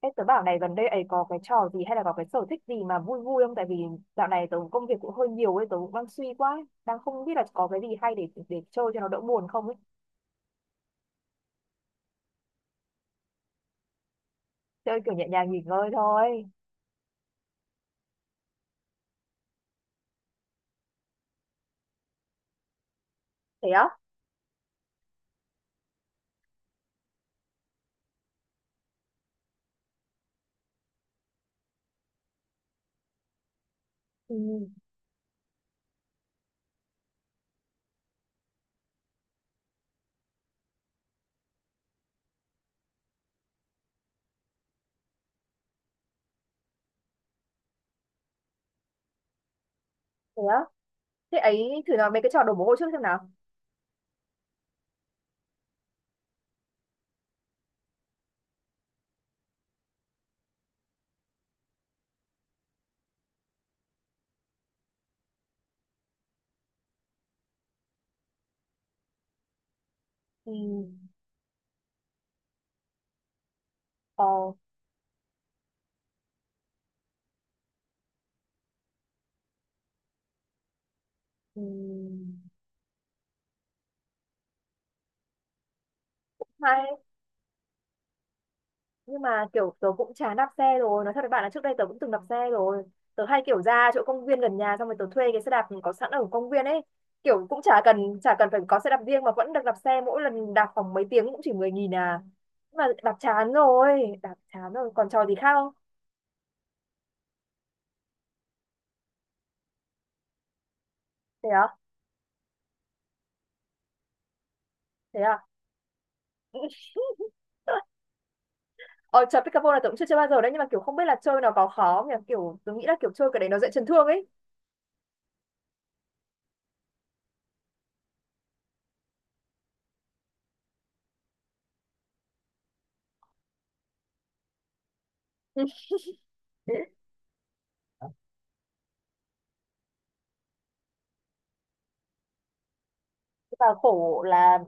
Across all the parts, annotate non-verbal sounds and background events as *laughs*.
Ê, tớ bảo này gần đây ấy có cái trò gì hay là có cái sở thích gì mà vui vui không? Tại vì dạo này tớ công việc cũng hơi nhiều ấy, tớ cũng đang suy quá, ấy, đang không biết là có cái gì hay để chơi cho nó đỡ buồn không ấy. Chơi kiểu nhẹ nhàng nghỉ ngơi thôi. Thế á? Ừ, thế á. Thế ấy thử làm mấy cái trò đổ mồ hôi trước xem nào. Ừ. Ờ. Ừ. Nhưng mà kiểu tớ cũng chán đạp xe rồi, nói thật với bạn là trước đây tớ cũng từng đạp xe rồi. Tớ hay kiểu ra chỗ công viên gần nhà, xong rồi tớ thuê cái xe đạp có sẵn ở công viên ấy, kiểu cũng chả cần phải có xe đạp riêng mà vẫn được đạp xe, mỗi lần đạp khoảng mấy tiếng cũng chỉ 10.000 à. Nhưng mà đạp chán rồi, đạp chán rồi còn trò gì khác không? Thế à? Thế à? *laughs* Ờ, trò pickleball là tớ cũng chưa chơi bao giờ đấy, nhưng mà kiểu không biết là chơi nó có khó không nhỉ, kiểu tớ nghĩ là kiểu chơi cái đấy nó dễ chấn thương ấy. *laughs* Và khổ là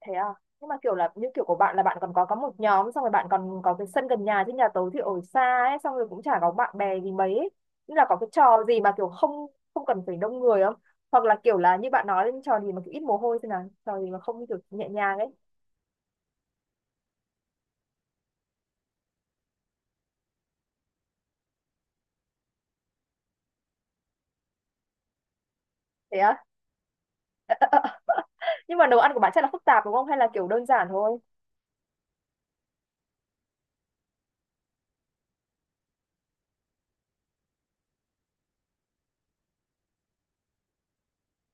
thế à, nhưng mà kiểu là như kiểu của bạn là bạn còn có một nhóm, xong rồi bạn còn có cái sân gần nhà, chứ nhà tớ thì ở xa ấy, xong rồi cũng chả có bạn bè gì mấy ấy. Nên là có cái trò gì mà kiểu không không cần phải đông người không, hoặc là kiểu là như bạn nói đến trò gì mà kiểu ít mồ hôi, thế nào trò gì mà không kiểu nhẹ nhàng ấy. Thế á? Nhưng mà nấu ăn của bạn chắc là phức tạp đúng không, hay là kiểu đơn giản thôi?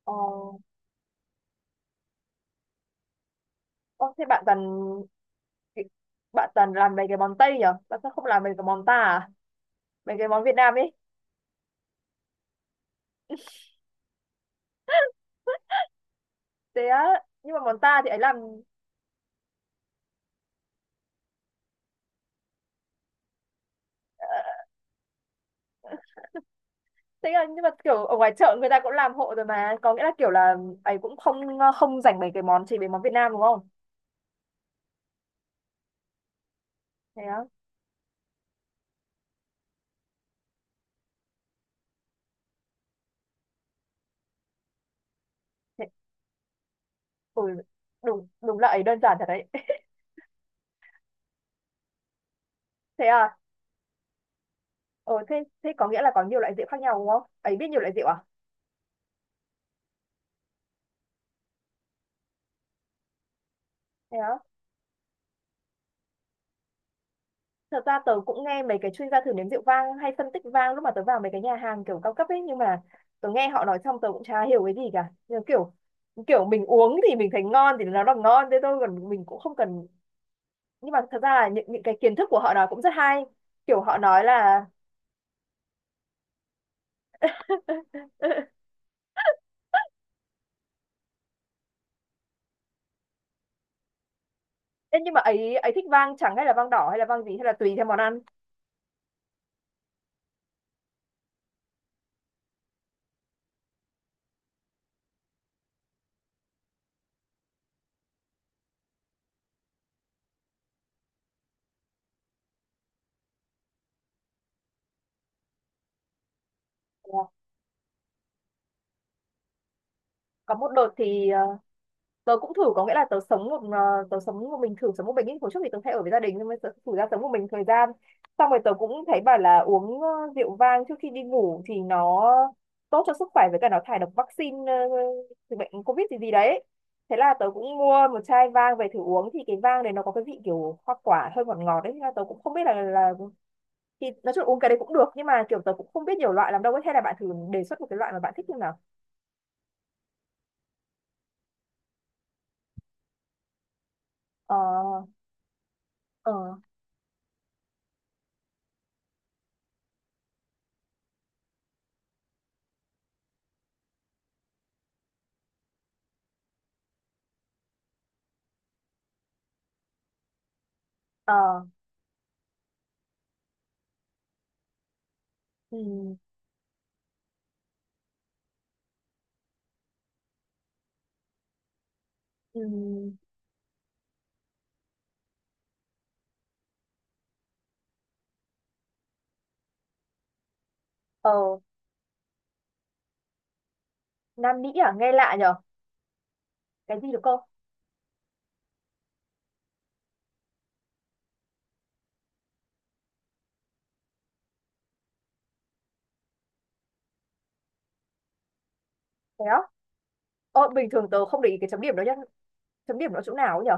Ờ. Ờ, thế bạn toàn làm mấy cái món Tây nhở, bạn sao không làm mấy cái món ta à? Mấy cái món Việt Nam ấy. Thế á? Nhưng mà món ta thì ấy làm. Ờ, thế là nhưng mà kiểu ở ngoài chợ người ta cũng làm hộ rồi mà, có nghĩa là kiểu là ấy cũng không, không dành mấy cái món, chỉ mấy món Việt Nam đúng không? Thế á? Thế. Ừ, đúng đúng là ấy đơn giản thật đấy. *laughs* Thế à? Ờ, thế thế có nghĩa là có nhiều loại rượu khác nhau đúng không ấy, biết nhiều loại rượu à? Thế á? Thật ra tớ cũng nghe mấy cái chuyên gia thử nếm rượu vang hay phân tích vang lúc mà tớ vào mấy cái nhà hàng kiểu cao cấp ấy, nhưng mà tớ nghe họ nói xong tớ cũng chả hiểu cái gì cả, nhưng kiểu kiểu mình uống thì mình thấy ngon thì nó là ngon thế thôi, còn mình cũng không cần. Nhưng mà thật ra là những cái kiến thức của họ nói cũng rất hay, kiểu họ nói là *laughs* Ê, nhưng mà ấy ấy thích vang trắng hay là vang đỏ hay là vang gì, hay là tùy theo món ăn? Ờ, có một đợt thì tớ cũng thử, có nghĩa là tớ sống một mình, thử sống một mình ý. Hồi trước thì tớ hay ở với gia đình, nhưng mà tớ thử ra sống một mình thời gian, xong rồi tớ cũng thấy bảo là uống rượu vang trước khi đi ngủ thì nó tốt cho sức khỏe, với cả nó thải độc vaccine từ bệnh covid gì gì đấy. Thế là tớ cũng mua một chai vang về thử uống, thì cái vang đấy nó có cái vị kiểu hoa quả hơi ngọt ngọt đấy. Thế là tớ cũng không biết là thì nói chung là uống cái đấy cũng được, nhưng mà kiểu tớ cũng không biết nhiều loại làm đâu ấy, hay là bạn thử đề xuất một cái loại mà bạn thích như nào? Ờ. Ờ. Ờ. Ừ. Ừ. Ờ, Nam Mỹ à, nghe lạ nhở? Cái gì được cô? Thế á? Ờ, bình thường tớ không để ý cái chấm điểm đó nhá. Chấm điểm nó chỗ nào ấy nhở?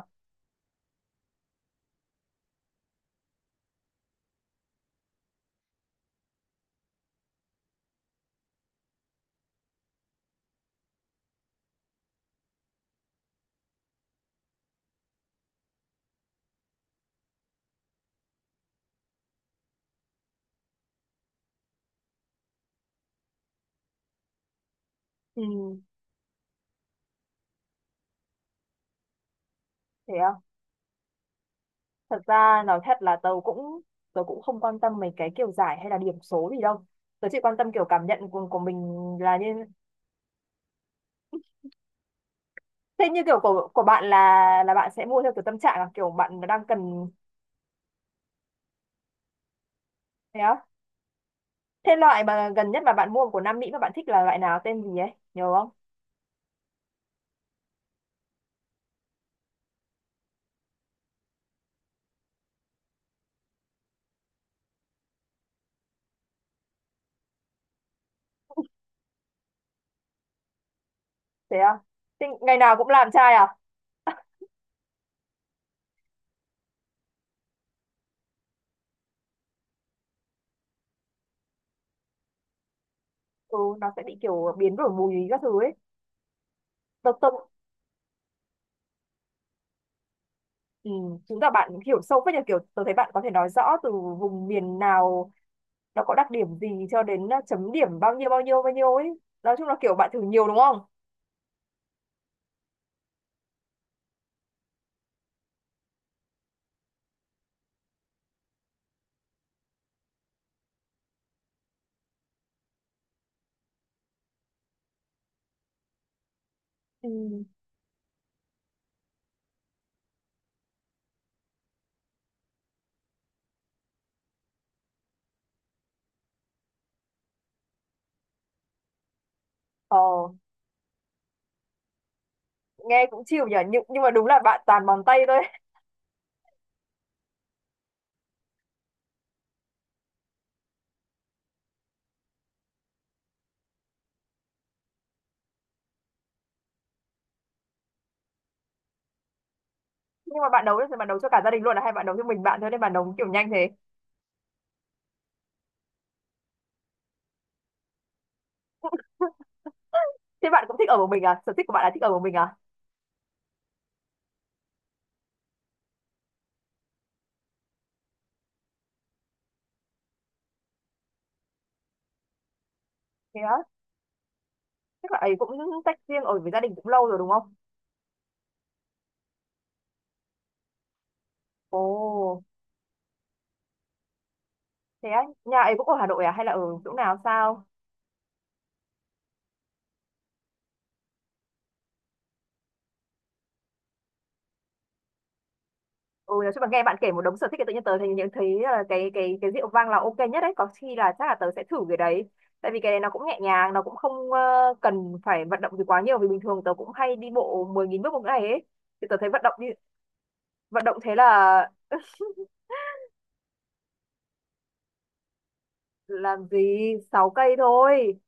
Ừ, thế à? Thật ra nói thật là tớ cũng không quan tâm mấy cái kiểu giải hay là điểm số gì đâu. Tớ chỉ quan tâm kiểu cảm nhận của mình. Là như thế, như kiểu của bạn là bạn sẽ mua theo kiểu tâm trạng, là kiểu bạn đang cần. Thế á? Thế loại mà gần nhất mà bạn mua của Nam Mỹ mà bạn thích là loại nào, tên gì ấy? Nhớ không? Thế à? Thế ngày nào cũng làm trai à? Ừ, nó sẽ bị kiểu biến đổi mùi các thứ ấy. Tớ. Ừ, chứng tỏ bạn hiểu sâu phết nhờ, kiểu tôi thấy bạn có thể nói rõ từ vùng miền nào nó có đặc điểm gì, cho đến chấm điểm bao nhiêu bao nhiêu bao nhiêu ấy. Nói chung là kiểu bạn thử nhiều đúng không? Ừ. Ờ, nghe cũng chịu nhỉ, nhưng mà đúng là bạn toàn bằng tay thôi. *laughs* Nhưng mà bạn nấu thì bạn nấu cho cả gia đình luôn à, hay bạn nấu cho mình bạn thôi nên bạn nấu kiểu nhanh thế? Thế bạn cũng thích ở một mình à, sở thích của bạn là thích ở một mình à? Thế á, chắc là ấy cũng tách riêng ở với gia đình cũng lâu rồi đúng không? Ồ, thế á, nhà ấy cũng ở Hà Nội à hay là ở chỗ nào sao? Ừ, nói chung là nghe bạn kể một đống sở thích thì tự nhiên tớ thấy nhận thấy là cái rượu vang là ok nhất đấy, có khi là chắc là tớ sẽ thử cái đấy. Tại vì cái này nó cũng nhẹ nhàng, nó cũng không cần phải vận động gì quá nhiều, vì bình thường tớ cũng hay đi bộ 10.000 bước một ngày ấy. Thì tớ thấy vận động đi, vận động thế là *laughs* làm gì 6 cây thôi.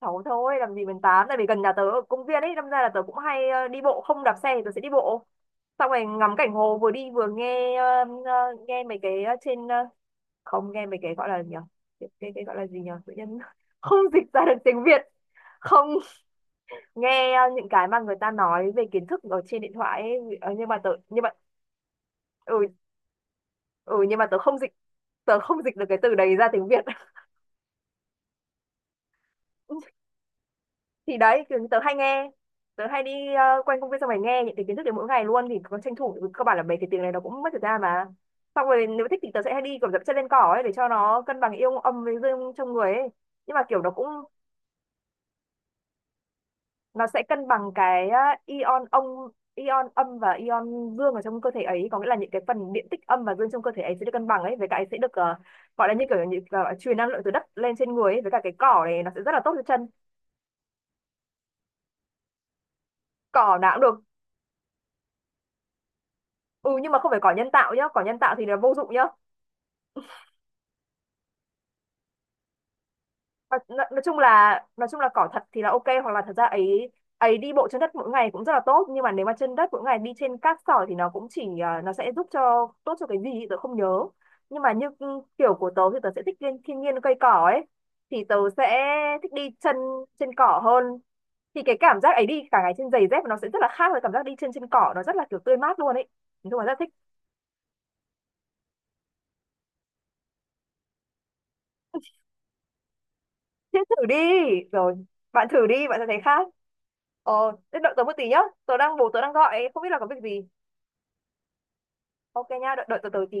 Sáu thôi, làm gì mình 8, tại vì gần nhà tớ ở công viên ấy, đâm ra là tớ cũng hay đi bộ, không đạp xe thì tớ sẽ đi bộ, xong rồi ngắm cảnh hồ, vừa đi vừa nghe nghe mấy cái không, nghe mấy cái gọi là gì nhỉ, cái gọi là gì nhỉ tự nhiên *laughs* không dịch ra được tiếng Việt. Không, nghe những cái mà người ta nói về kiến thức ở trên điện thoại ấy. Ờ, nhưng mà tớ nhưng mà Ừ. Ừ, nhưng mà tớ không dịch được cái từ đấy ra tiếng Việt. *laughs* Thì đấy, kiểu tớ hay đi quanh công viên, xong rồi nghe những cái kiến thức đấy mỗi ngày luôn, thì có tranh thủ, cơ bản là mấy cái tiếng này nó cũng mất thời gian mà. Xong rồi nếu thích thì tớ sẽ hay đi kiểu dẫm chân lên cỏ ấy, để cho nó cân bằng ion âm với dương trong người ấy. Nhưng mà kiểu nó cũng, nó sẽ cân bằng cái á, ion ông, ion âm và ion dương ở trong cơ thể ấy, có nghĩa là những cái phần điện tích âm và dương trong cơ thể ấy sẽ được cân bằng ấy, với cả ấy sẽ được gọi là như kiểu, như kiểu truyền năng lượng từ đất lên trên người ấy, với cả cái cỏ này nó sẽ rất là tốt cho chân. Cỏ nào cũng được, ừ, nhưng mà không phải cỏ nhân tạo nhá, cỏ nhân tạo thì là vô dụng nhá. Nói chung là cỏ thật thì là ok, hoặc là thật ra ấy, ấy đi bộ trên đất mỗi ngày cũng rất là tốt, nhưng mà nếu mà trên đất mỗi ngày đi trên cát sỏi thì nó cũng chỉ à, nó sẽ giúp cho tốt cho cái gì thì tớ không nhớ. Nhưng mà như ừ, kiểu của tớ thì tớ sẽ thích thiên nhiên cây cỏ ấy, thì tớ sẽ thích đi chân trên cỏ hơn, thì cái cảm giác ấy đi cả ngày trên giày dép nó sẽ rất là khác với cảm giác đi trên trên cỏ, nó rất là kiểu tươi mát luôn ấy. Nói chung là rất thích. Thế thử đi. Rồi, bạn thử đi, bạn sẽ thấy khác. Ờ, thế đợi tớ một tí nhá. Bố tớ đang gọi, không biết là có việc gì. Ok nha, đợi tớ tớ tí.